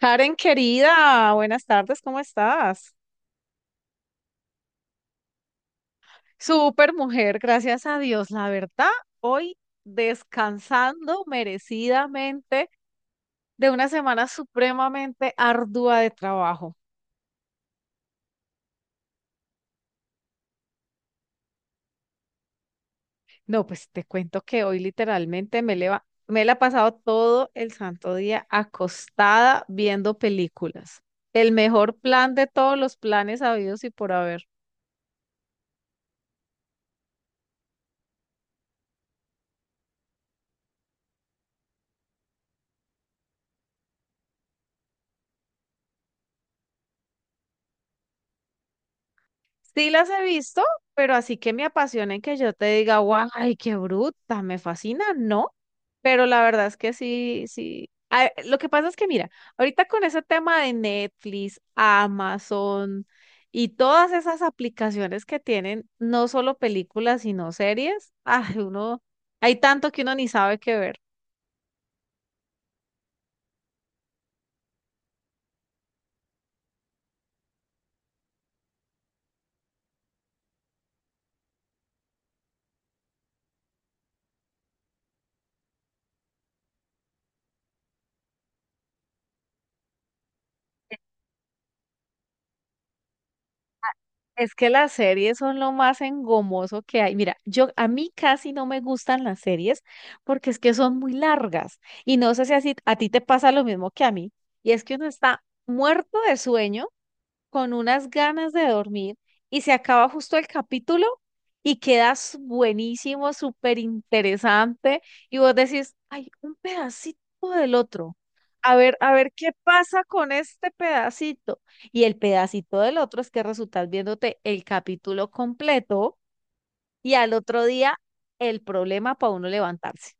Karen, querida, buenas tardes, ¿cómo estás? Súper mujer, gracias a Dios, la verdad, hoy descansando merecidamente de una semana supremamente ardua de trabajo. No, pues te cuento que hoy literalmente me la he pasado todo el santo día acostada viendo películas. El mejor plan de todos los planes habidos y por haber. Sí las he visto, pero así que me apasionen que yo te diga, guay, qué bruta, me fascina, no. Pero la verdad es que sí, sí. Lo que pasa es que, mira, ahorita con ese tema de Netflix, Amazon y todas esas aplicaciones que tienen, no solo películas, sino series, ay, uno, hay tanto que uno ni sabe qué ver. Es que las series son lo más engomoso que hay. Mira, yo a mí casi no me gustan las series porque es que son muy largas y no sé si así a ti te pasa lo mismo que a mí y es que uno está muerto de sueño con unas ganas de dormir y se acaba justo el capítulo y quedas buenísimo, súper interesante y vos decís, ay, un pedacito del otro. A ver qué pasa con este pedacito. Y el pedacito del otro es que resultas viéndote el capítulo completo y al otro día el problema para uno levantarse.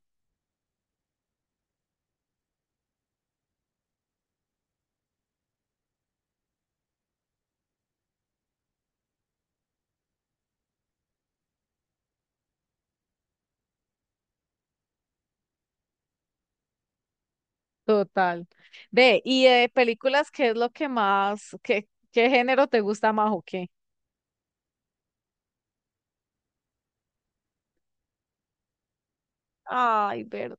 Total. Ve, y de películas, ¿qué es lo que más, qué, qué género te gusta más o qué? Ay, verdad.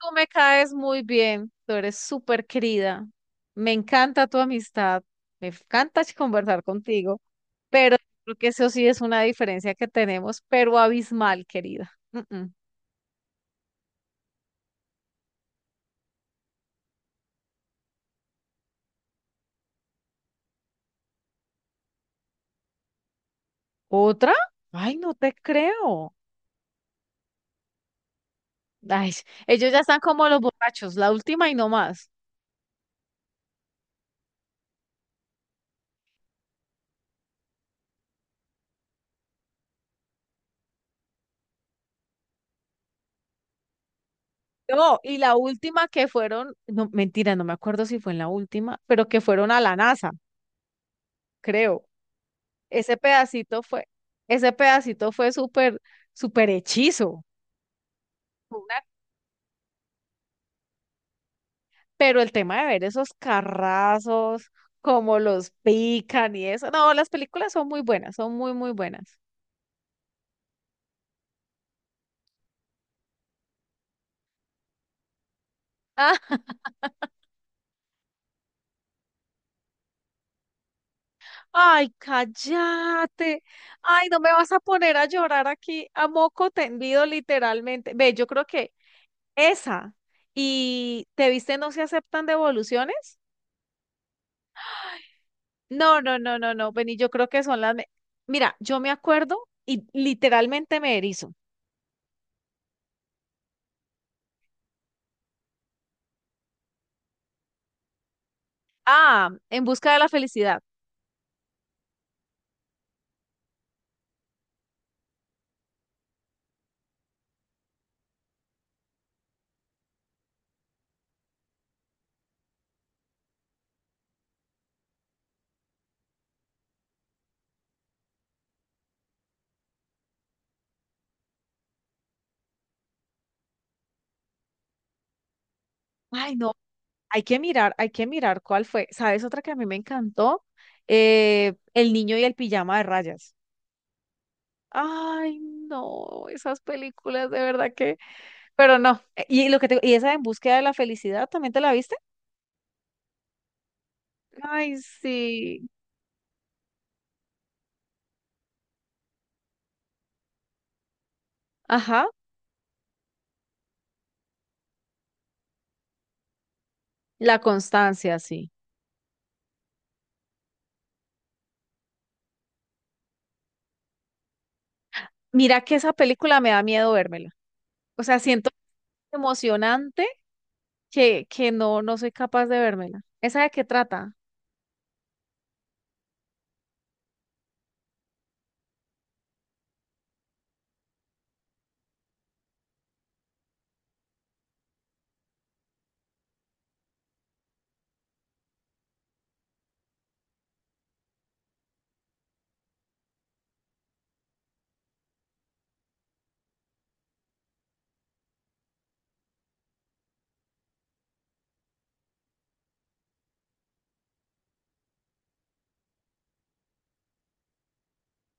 Tú me caes muy bien, tú eres súper querida. Me encanta tu amistad, me encanta, conversar contigo, pero creo que eso sí es una diferencia que tenemos, pero abismal, querida. Mm. ¿Otra? Ay, no te creo. Ay, ellos ya están como los borrachos, la última y no más. No, y la última que fueron, no, mentira, no me acuerdo si fue en la última, pero que fueron a la NASA, creo. Ese pedacito fue, ese pedacito fue súper, súper hechizo. una- Pero el tema de ver esos carrazos, cómo los pican y eso. No, las películas son muy buenas, son muy, muy buenas. Ah, ay, cállate. Ay, no me vas a poner a llorar aquí a moco tendido, literalmente. Ve, yo creo que esa. ¿Y te viste No se aceptan devoluciones? No, no, no, no, no, vení, yo creo que mira, yo me acuerdo y literalmente me erizo. Ah, En busca de la felicidad. Ay, no, hay que mirar, hay que mirar cuál fue. ¿Sabes otra que a mí me encantó? El niño y el pijama de rayas. Ay, no, esas películas de verdad que, pero no. Y y esa En búsqueda de la felicidad, ¿también te la viste? Ay, sí. Ajá, la constancia, sí. Mira que esa película me da miedo vérmela. O sea, siento emocionante que no, no soy capaz de vérmela. ¿Esa de qué trata?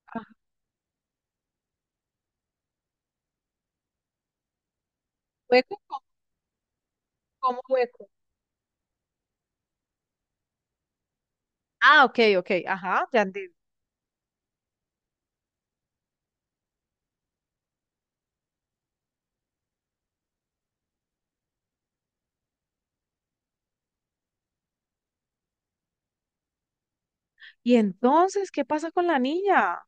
Ajá. ¿Hueco? ¿Cómo cómo hueco? Ah, ok, ok, ajá, ya entendí. Y entonces, ¿qué pasa con la niña?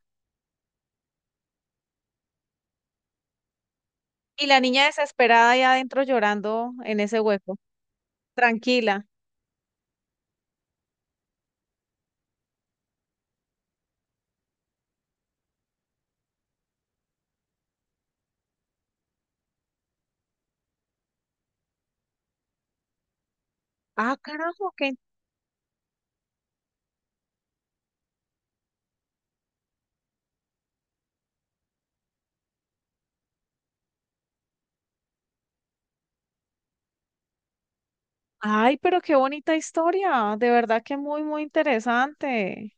Y la niña desesperada ahí adentro llorando en ese hueco, tranquila. Ah, carajo, qué... Ay, pero qué bonita historia. De verdad que muy, muy interesante.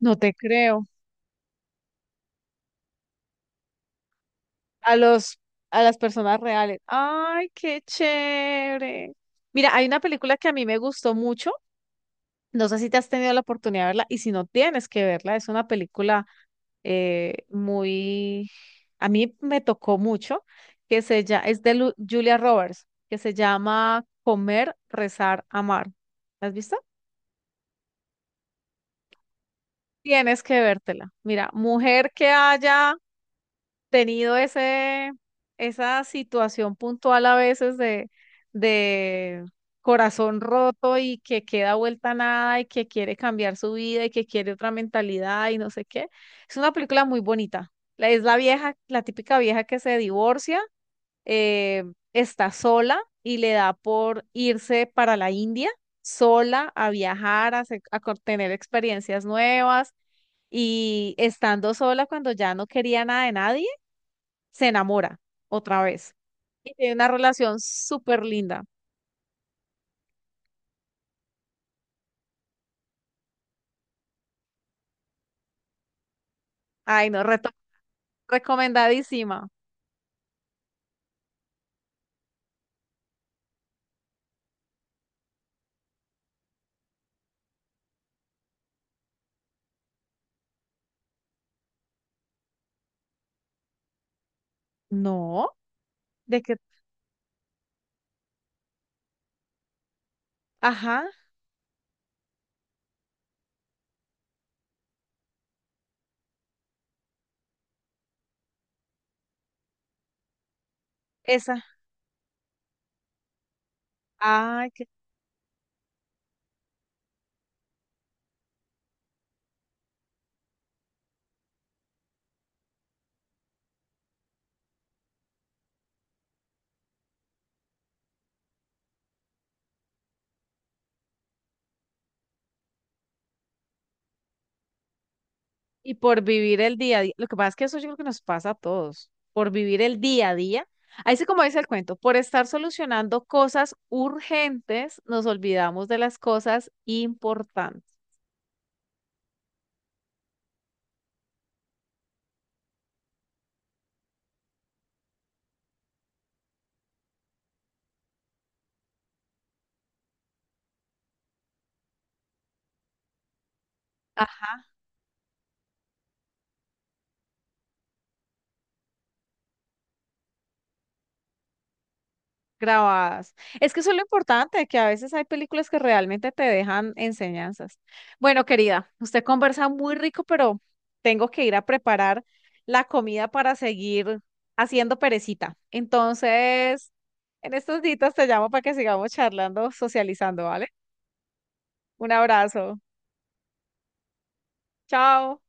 No te creo. A los, a las personas reales. Ay, qué chévere. Mira, hay una película que a mí me gustó mucho. No sé si te has tenido la oportunidad de verla y si no tienes que verla, es una película muy, a mí me tocó mucho, que se llama, es de Julia Roberts, que se llama Comer, Rezar, Amar. ¿La has visto? Tienes que vértela. Mira, mujer que haya tenido ese, esa situación puntual a veces de corazón roto y que queda vuelta a nada y que quiere cambiar su vida y que quiere otra mentalidad y no sé qué. Es una película muy bonita. Es la vieja, la típica vieja que se divorcia, eh, está sola y le da por irse para la India sola a viajar, a, se- a co- tener experiencias nuevas y estando sola cuando ya no quería nada de nadie se enamora otra vez y tiene una relación súper linda. Ay, no, recomendadísima. No, de que, ajá, esa. Ay, y por vivir el día a día. Lo que pasa es que eso yo creo que nos pasa a todos. Por vivir el día a día. Ahí sí, como dice el cuento, por estar solucionando cosas urgentes, nos olvidamos de las cosas importantes. Grabadas. Es que eso es lo importante, que a veces hay películas que realmente te dejan enseñanzas. Bueno, querida, usted conversa muy rico, pero tengo que ir a preparar la comida para seguir haciendo perecita. Entonces, en estos días te llamo para que sigamos charlando, socializando, ¿vale? Un abrazo. Chao.